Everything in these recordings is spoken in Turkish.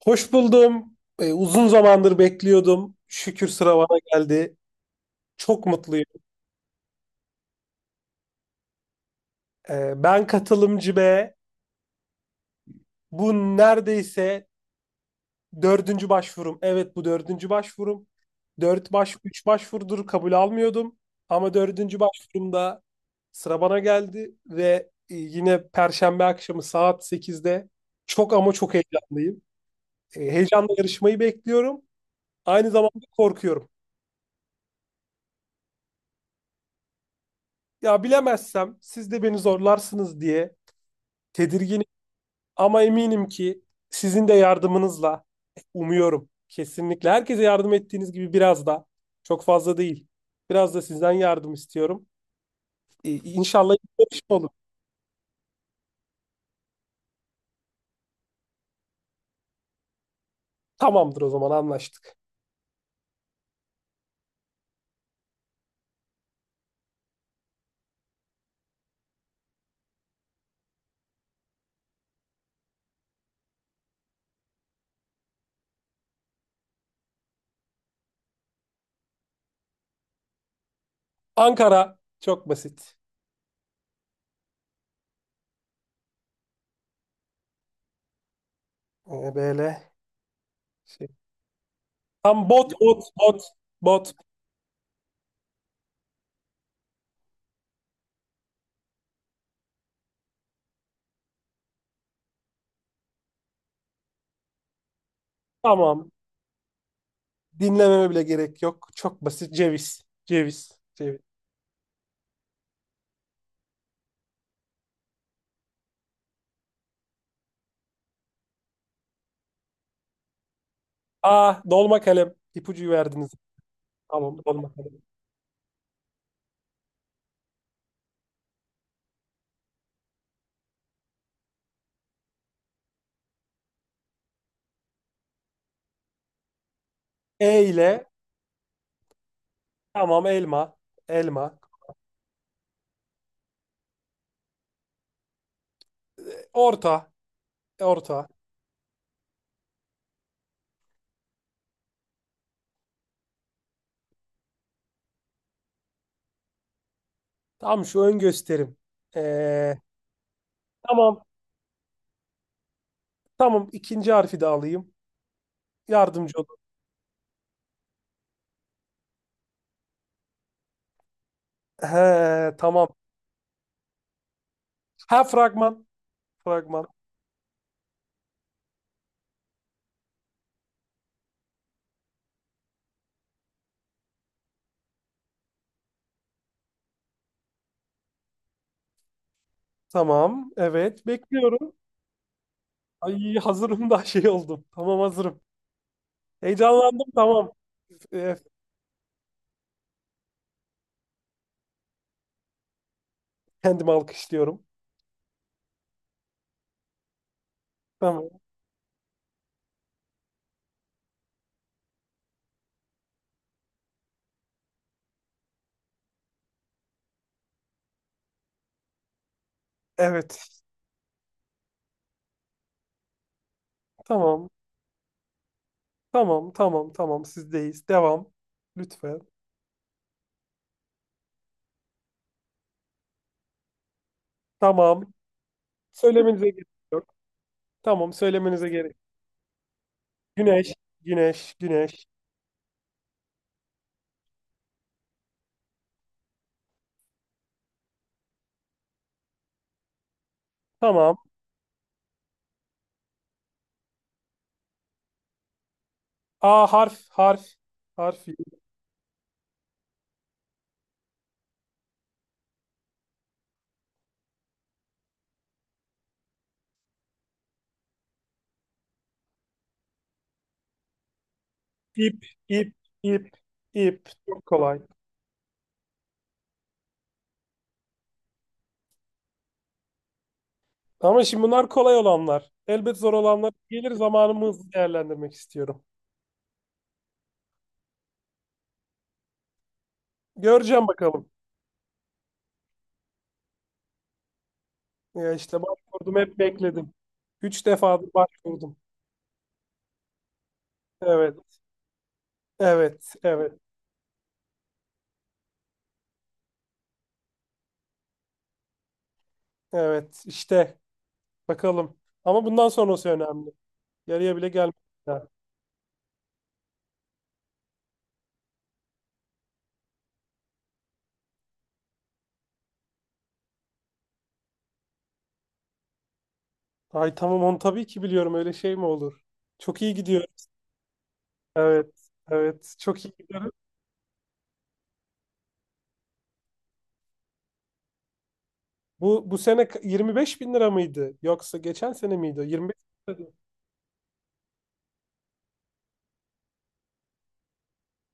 Hoş buldum. Uzun zamandır bekliyordum. Şükür sıra bana geldi. Çok mutluyum. Ben katılımcı B. Bu neredeyse dördüncü başvurum. Evet, bu dördüncü başvurum. Üç başvurudur kabul almıyordum. Ama dördüncü başvurumda sıra bana geldi ve yine Perşembe akşamı saat sekizde. Çok ama çok heyecanlıyım. Heyecanla yarışmayı bekliyorum. Aynı zamanda korkuyorum. Ya bilemezsem siz de beni zorlarsınız diye tedirginim, ama eminim ki sizin de yardımınızla umuyorum, kesinlikle herkese yardım ettiğiniz gibi biraz da, çok fazla değil. Biraz da sizden yardım istiyorum. İnşallah iyi bir yarışma olur. Tamamdır, o zaman anlaştık. Ankara, çok basit. Böyle şey. Tam bot, bot, bot, bot. Tamam. Dinlememe bile gerek yok. Çok basit. Ceviz. Ceviz. Ceviz. Aa, dolma kalem. İpucu verdiniz. Tamam, dolma kalem. E ile. Tamam, elma. Elma. Orta. Orta. Tamam, şu ön gösterim. Ee, tamam. Tamam, ikinci harfi de alayım. Yardımcı olun. He, tamam. Ha, fragman. Fragman. Tamam. Evet. Bekliyorum. Ay, hazırım da şey oldum. Tamam, hazırım. Heyecanlandım. Tamam. Ee, Kendimi alkışlıyorum. Tamam. Evet. Tamam. Tamam. Tamam. Tamam. Sizdeyiz. Devam. Lütfen. Tamam. Söylemenize gerek yok. Tamam. Söylemenize gerek Güneş, güneş, güneş. Tamam. A, harf, harf, harf. İp, ip, ip, ip. Çok kolay. Ama şimdi bunlar kolay olanlar. Elbet zor olanlar gelir, zamanımı hızlı değerlendirmek istiyorum. Göreceğim, bakalım. Ya işte, başvurdum, hep bekledim. Üç defadır başvurdum. Evet, evet, evet, evet. İşte, bakalım. Ama bundan sonrası önemli. Yarıya bile gelmedi. Ay tamam, onu tabii ki biliyorum. Öyle şey mi olur? Çok iyi gidiyor. Evet, evet. Çok iyi giderim. Bu sene 25 bin lira mıydı? Yoksa geçen sene miydi? 25 bin lira.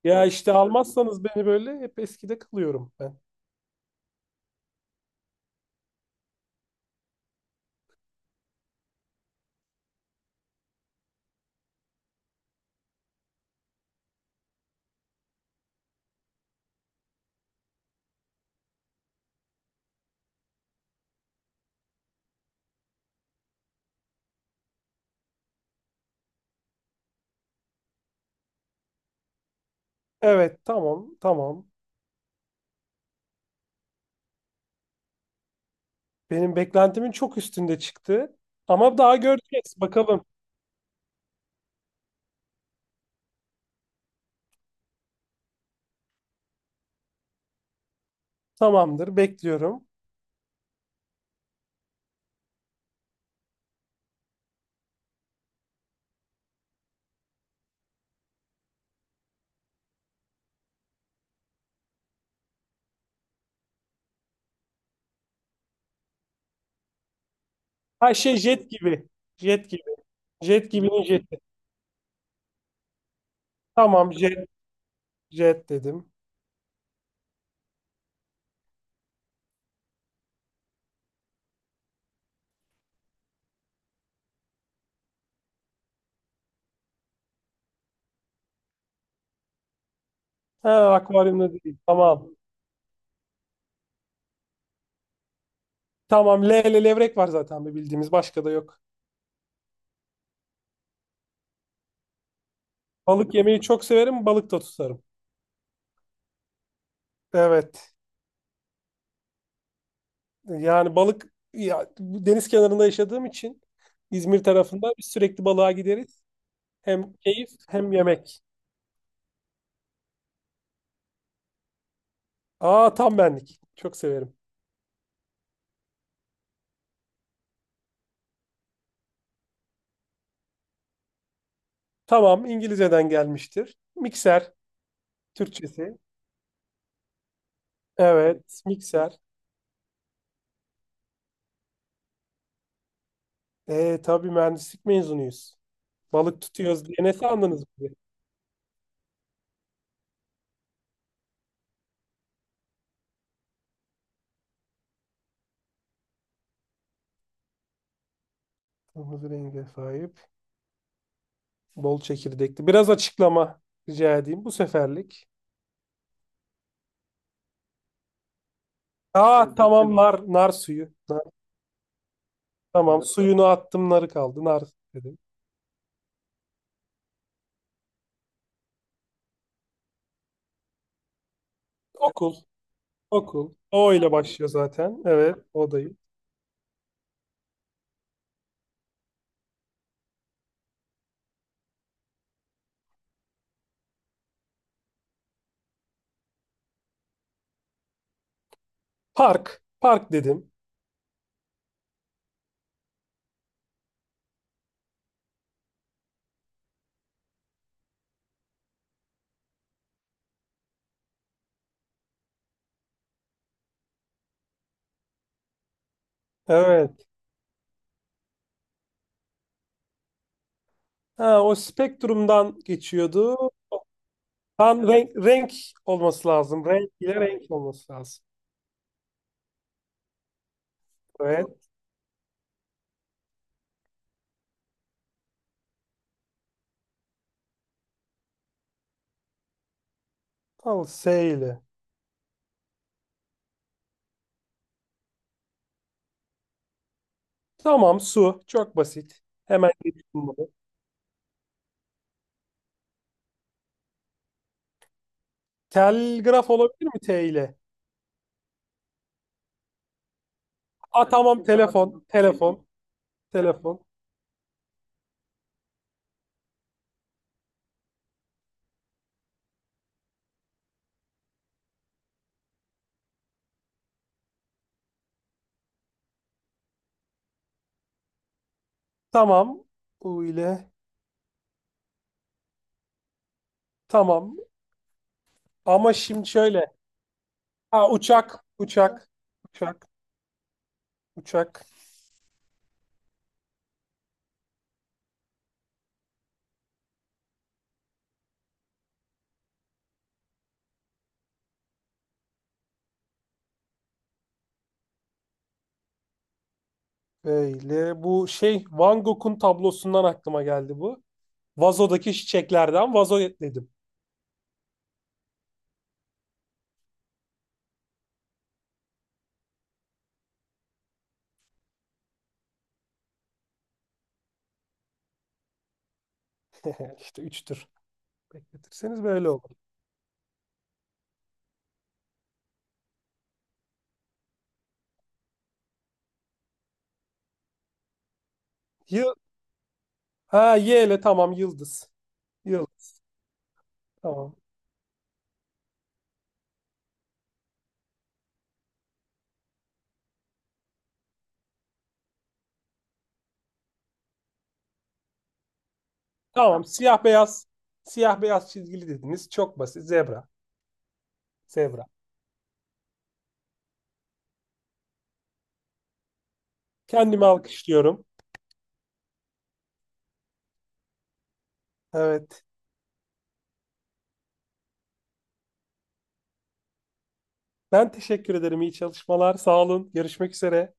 Ya işte, almazsanız beni böyle hep eskide kalıyorum ben. Evet, tamam, tamam. Benim beklentimin çok üstünde çıktı. Ama daha göreceğiz. Bakalım. Tamamdır, bekliyorum. Her şey jet gibi. Jet gibi. Jet gibinin jeti. Tamam, jet, jet dedim. Ha, akvaryumda değil. Tamam. Tamam, le le levrek var zaten, bir bildiğimiz. Başka da yok. Balık yemeyi çok severim, balık da tutarım. Evet. Yani balık ya, bu deniz kenarında yaşadığım için İzmir tarafında biz sürekli balığa gideriz. Hem keyif hem yemek. Aa, tam benlik. Çok severim. Tamam, İngilizceden gelmiştir. Mikser. Türkçesi. Evet, mikser. E, tabii mühendislik mezunuyuz. Balık tutuyoruz diye ne sandınız bizi? Kırmızı renge sahip. Bol çekirdekli. Biraz açıklama rica edeyim bu seferlik. Aa tamam, nar, nar suyu. Tamam, suyunu attım, narı kaldı. Nar dedim. Okul, okul. O ile başlıyor zaten. Evet, odayım. Park, park dedim. Evet. Ha, o spektrumdan geçiyordu. Tam renk, renk olması lazım. Renk ile renk olması lazım. Evet. Al, S ile. Tamam, su. Çok basit. Hemen geçtim bunu. Telgraf olabilir mi, T ile? Aa, tamam, telefon, telefon, telefon. Tamam, U ile. Tamam. Ama şimdi şöyle. Ha, uçak, uçak, uçak, uçak. Böyle, bu şey Van Gogh'un tablosundan aklıma geldi bu. Vazodaki çiçeklerden vazo dedim. İşte üçtür. Bekletirseniz böyle olur. Yıl ha, Y ile, tamam, yıldız. Yıldız, tamam. Tamam, siyah beyaz, siyah beyaz çizgili dediniz. Çok basit. Zebra. Zebra. Kendimi alkışlıyorum. Evet. Ben teşekkür ederim. İyi çalışmalar. Sağ olun. Görüşmek üzere.